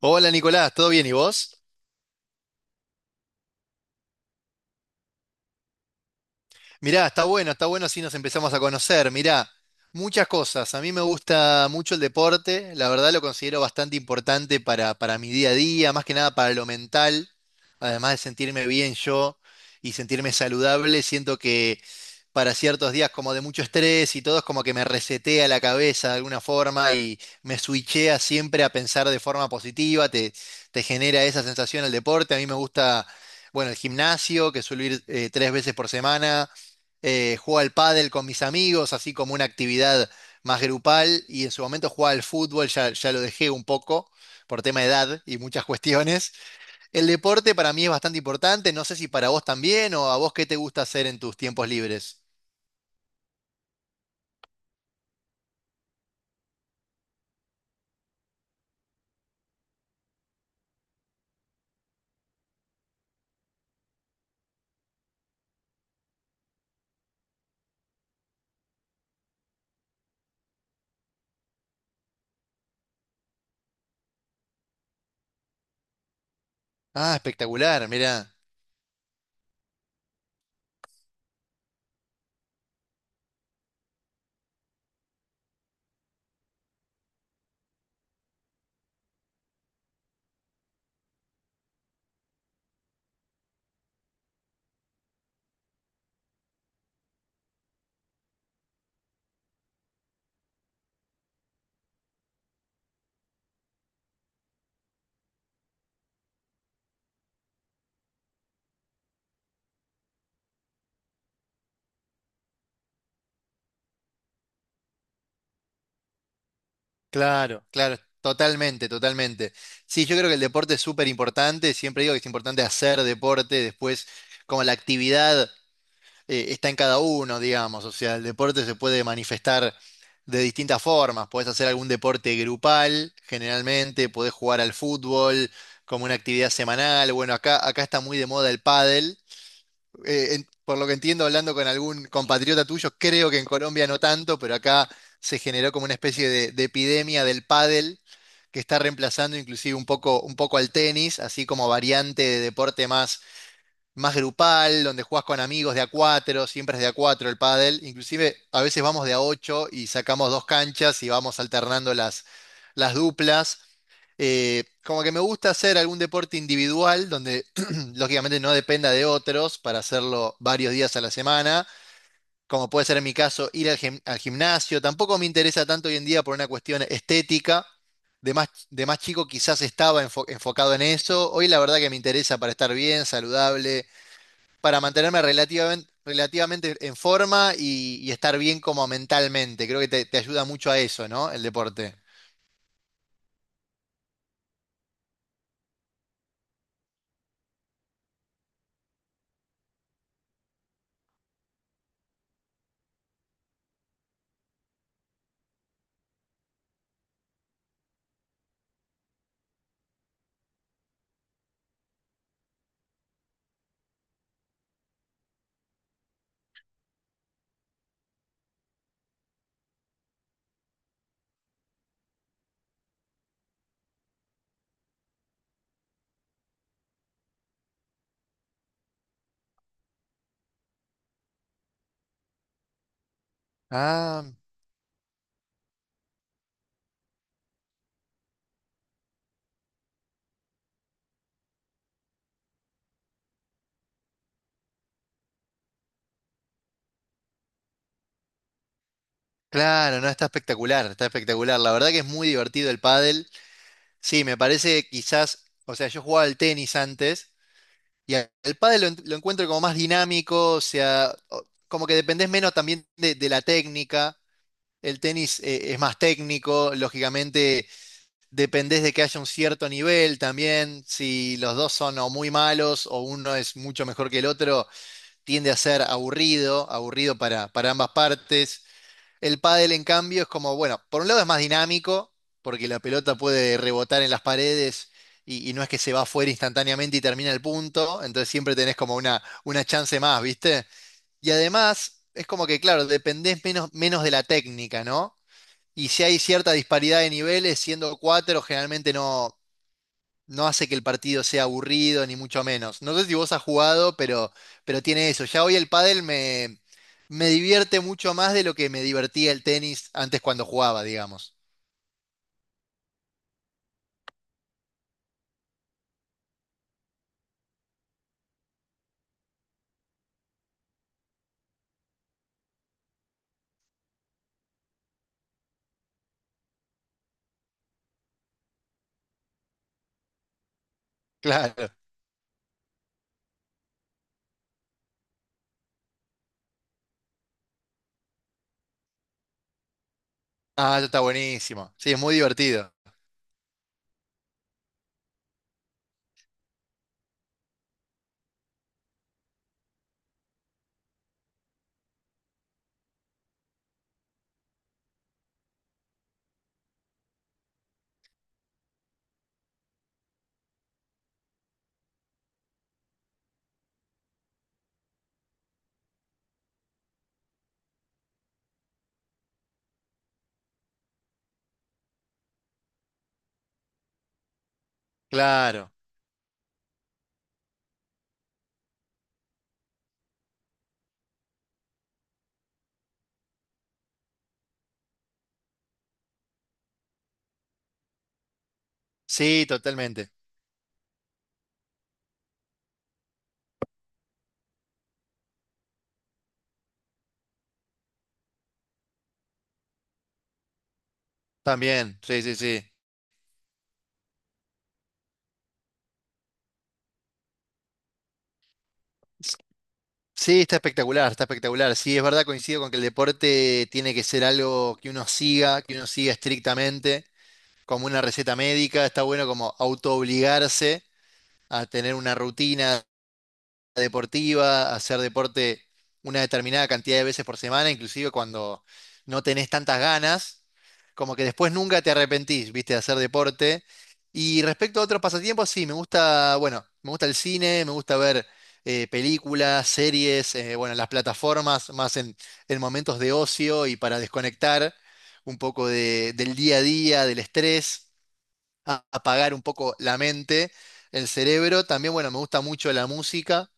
Hola Nicolás, ¿todo bien y vos? Mirá, está bueno si nos empezamos a conocer. Mirá, muchas cosas. A mí me gusta mucho el deporte, la verdad lo considero bastante importante para mi día a día, más que nada para lo mental, además de sentirme bien yo y sentirme saludable, siento que para ciertos días como de mucho estrés y todo es como que me resetea la cabeza de alguna forma y me switchea siempre a pensar de forma positiva, te genera esa sensación el deporte, a mí me gusta. Bueno, el gimnasio, que suelo ir tres veces por semana. Jugaba al pádel con mis amigos, así como una actividad más grupal, y en su momento jugaba al fútbol, ya lo dejé un poco por tema de edad y muchas cuestiones. El deporte para mí es bastante importante, no sé si para vos también o a vos qué te gusta hacer en tus tiempos libres. Ah, espectacular, mirá. Claro, claro, totalmente, totalmente. Sí, yo creo que el deporte es súper importante, siempre digo que es importante hacer deporte, después como la actividad. Está en cada uno, digamos. O sea, el deporte se puede manifestar de distintas formas. Podés hacer algún deporte grupal, generalmente, podés jugar al fútbol como una actividad semanal. Bueno, acá está muy de moda el pádel. Por lo que entiendo, hablando con algún compatriota tuyo, creo que en Colombia no tanto, pero acá se generó como una especie de epidemia del pádel, que está reemplazando inclusive un poco al tenis, así como variante de deporte más grupal, donde jugás con amigos de a cuatro, siempre es de a cuatro el pádel, inclusive a veces vamos de a ocho y sacamos dos canchas y vamos alternando las duplas. Como que me gusta hacer algún deporte individual donde lógicamente no dependa de otros para hacerlo varios días a la semana, como puede ser en mi caso ir al gimnasio. Tampoco me interesa tanto hoy en día por una cuestión estética. De más chico quizás estaba enfocado en eso. Hoy la verdad que me interesa para estar bien, saludable, para mantenerme relativamente en forma y estar bien como mentalmente. Creo que te ayuda mucho a eso, ¿no? El deporte. Ah, claro, no, está espectacular, está espectacular. La verdad que es muy divertido el pádel. Sí, me parece que quizás, o sea, yo jugaba al tenis antes y el pádel lo encuentro como más dinámico, o sea, como que dependés menos también de la técnica. El tenis es más técnico, lógicamente. Dependés de que haya un cierto nivel también. Si los dos son o muy malos o uno es mucho mejor que el otro, tiende a ser aburrido, aburrido para ambas partes. El pádel, en cambio, es como, bueno, por un lado es más dinámico, porque la pelota puede rebotar en las paredes y no es que se va afuera instantáneamente y termina el punto, entonces siempre tenés como una chance más, ¿viste? Y además, es como que, claro, dependés menos de la técnica, ¿no? Y si hay cierta disparidad de niveles, siendo cuatro, generalmente no hace que el partido sea aburrido, ni mucho menos. No sé si vos has jugado, pero tiene eso. Ya hoy el pádel me divierte mucho más de lo que me divertía el tenis antes cuando jugaba, digamos. Claro. Ah, eso está buenísimo. Sí, es muy divertido. Claro. Sí, totalmente. También. Sí, sí, sí. Sí, está espectacular, está espectacular. Sí, es verdad, coincido con que el deporte tiene que ser algo que uno siga estrictamente, como una receta médica. Está bueno como autoobligarse a tener una rutina deportiva, a hacer deporte una determinada cantidad de veces por semana, inclusive cuando no tenés tantas ganas, como que después nunca te arrepentís, viste, de hacer deporte. Y respecto a otros pasatiempos, sí, me gusta, bueno, me gusta el cine, me gusta ver películas, series, bueno, las plataformas, más en momentos de ocio y para desconectar un poco del día a día, del estrés apagar un poco la mente, el cerebro. También, bueno, me gusta mucho la música,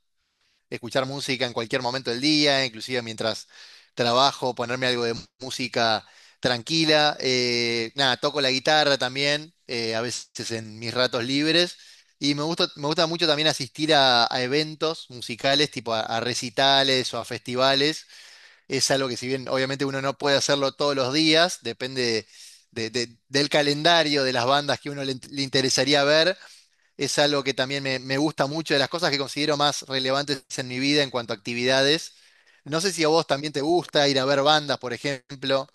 escuchar música en cualquier momento del día, inclusive mientras trabajo, ponerme algo de música tranquila. Nada, toco la guitarra también, a veces en mis ratos libres. Y me gusta mucho también asistir a eventos musicales, tipo a recitales o a festivales. Es algo que si bien obviamente uno no puede hacerlo todos los días, depende del calendario de las bandas que uno le interesaría ver. Es algo que también me gusta mucho, de las cosas que considero más relevantes en mi vida en cuanto a actividades. No sé si a vos también te gusta ir a ver bandas, por ejemplo.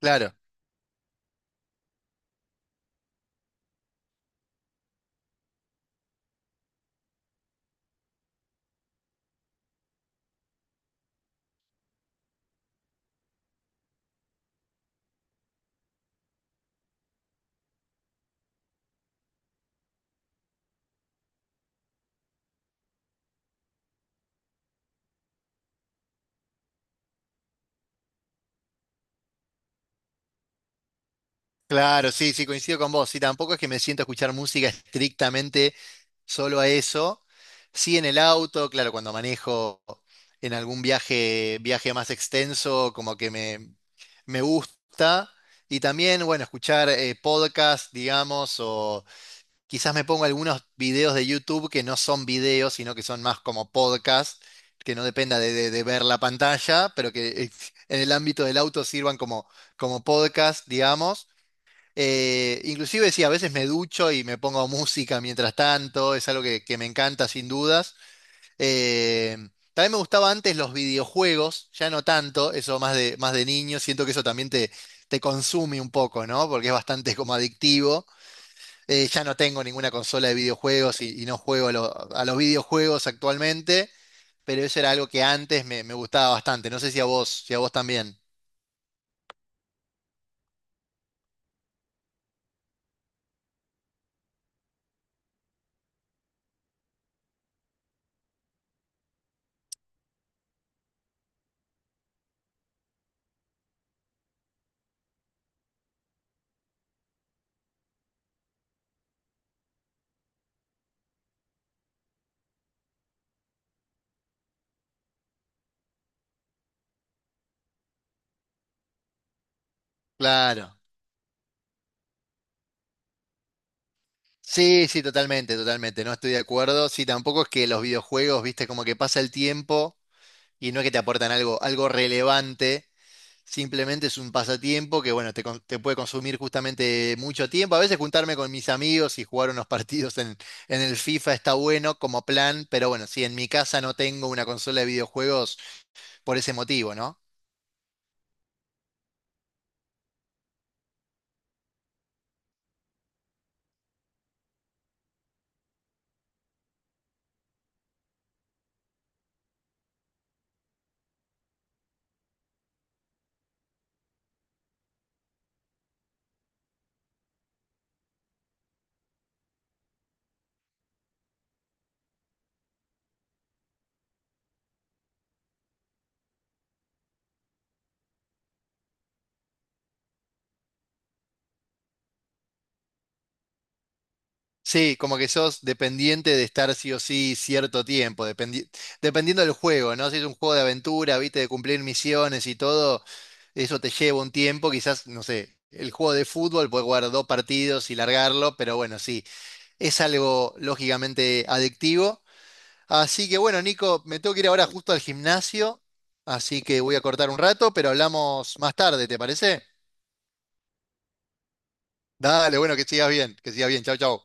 Claro, claro, sí, sí, coincido con vos. Sí, tampoco es que me siento a escuchar música estrictamente solo a eso. Sí, en el auto, claro, cuando manejo en algún viaje más extenso, como que me gusta. Y también, bueno, escuchar podcast, digamos, o quizás me pongo algunos videos de YouTube que no son videos, sino que son más como podcast, que no dependa de ver la pantalla, pero que en el ámbito del auto sirvan como podcast, digamos. Inclusive sí, a veces me ducho y me pongo música mientras tanto, es algo que me encanta sin dudas. Eh, también me gustaba antes los videojuegos, ya no tanto, eso más de niño, siento que eso también te consume un poco, ¿no? Porque es bastante como adictivo. Ya no tengo ninguna consola de videojuegos y no juego a los videojuegos actualmente, pero eso era algo que antes me gustaba bastante. No sé si a vos también. Claro. Sí, sí, totalmente, totalmente, no estoy de acuerdo. Sí, tampoco es que los videojuegos, viste, como que pasa el tiempo y no es que te aportan algo relevante, simplemente es un pasatiempo que, bueno, te puede consumir justamente mucho tiempo. A veces juntarme con mis amigos y jugar unos partidos en el FIFA está bueno como plan, pero bueno, sí, en mi casa no tengo una consola de videojuegos por ese motivo, ¿no? Sí, como que sos dependiente de estar sí o sí cierto tiempo, dependiendo del juego, ¿no? Si es un juego de aventura, viste, de cumplir misiones y todo, eso te lleva un tiempo, quizás, no sé, el juego de fútbol puedes jugar dos partidos y largarlo, pero bueno, sí, es algo lógicamente adictivo. Así que bueno, Nico, me tengo que ir ahora justo al gimnasio, así que voy a cortar un rato, pero hablamos más tarde, ¿te parece? Dale, bueno, que sigas bien, chau, chau.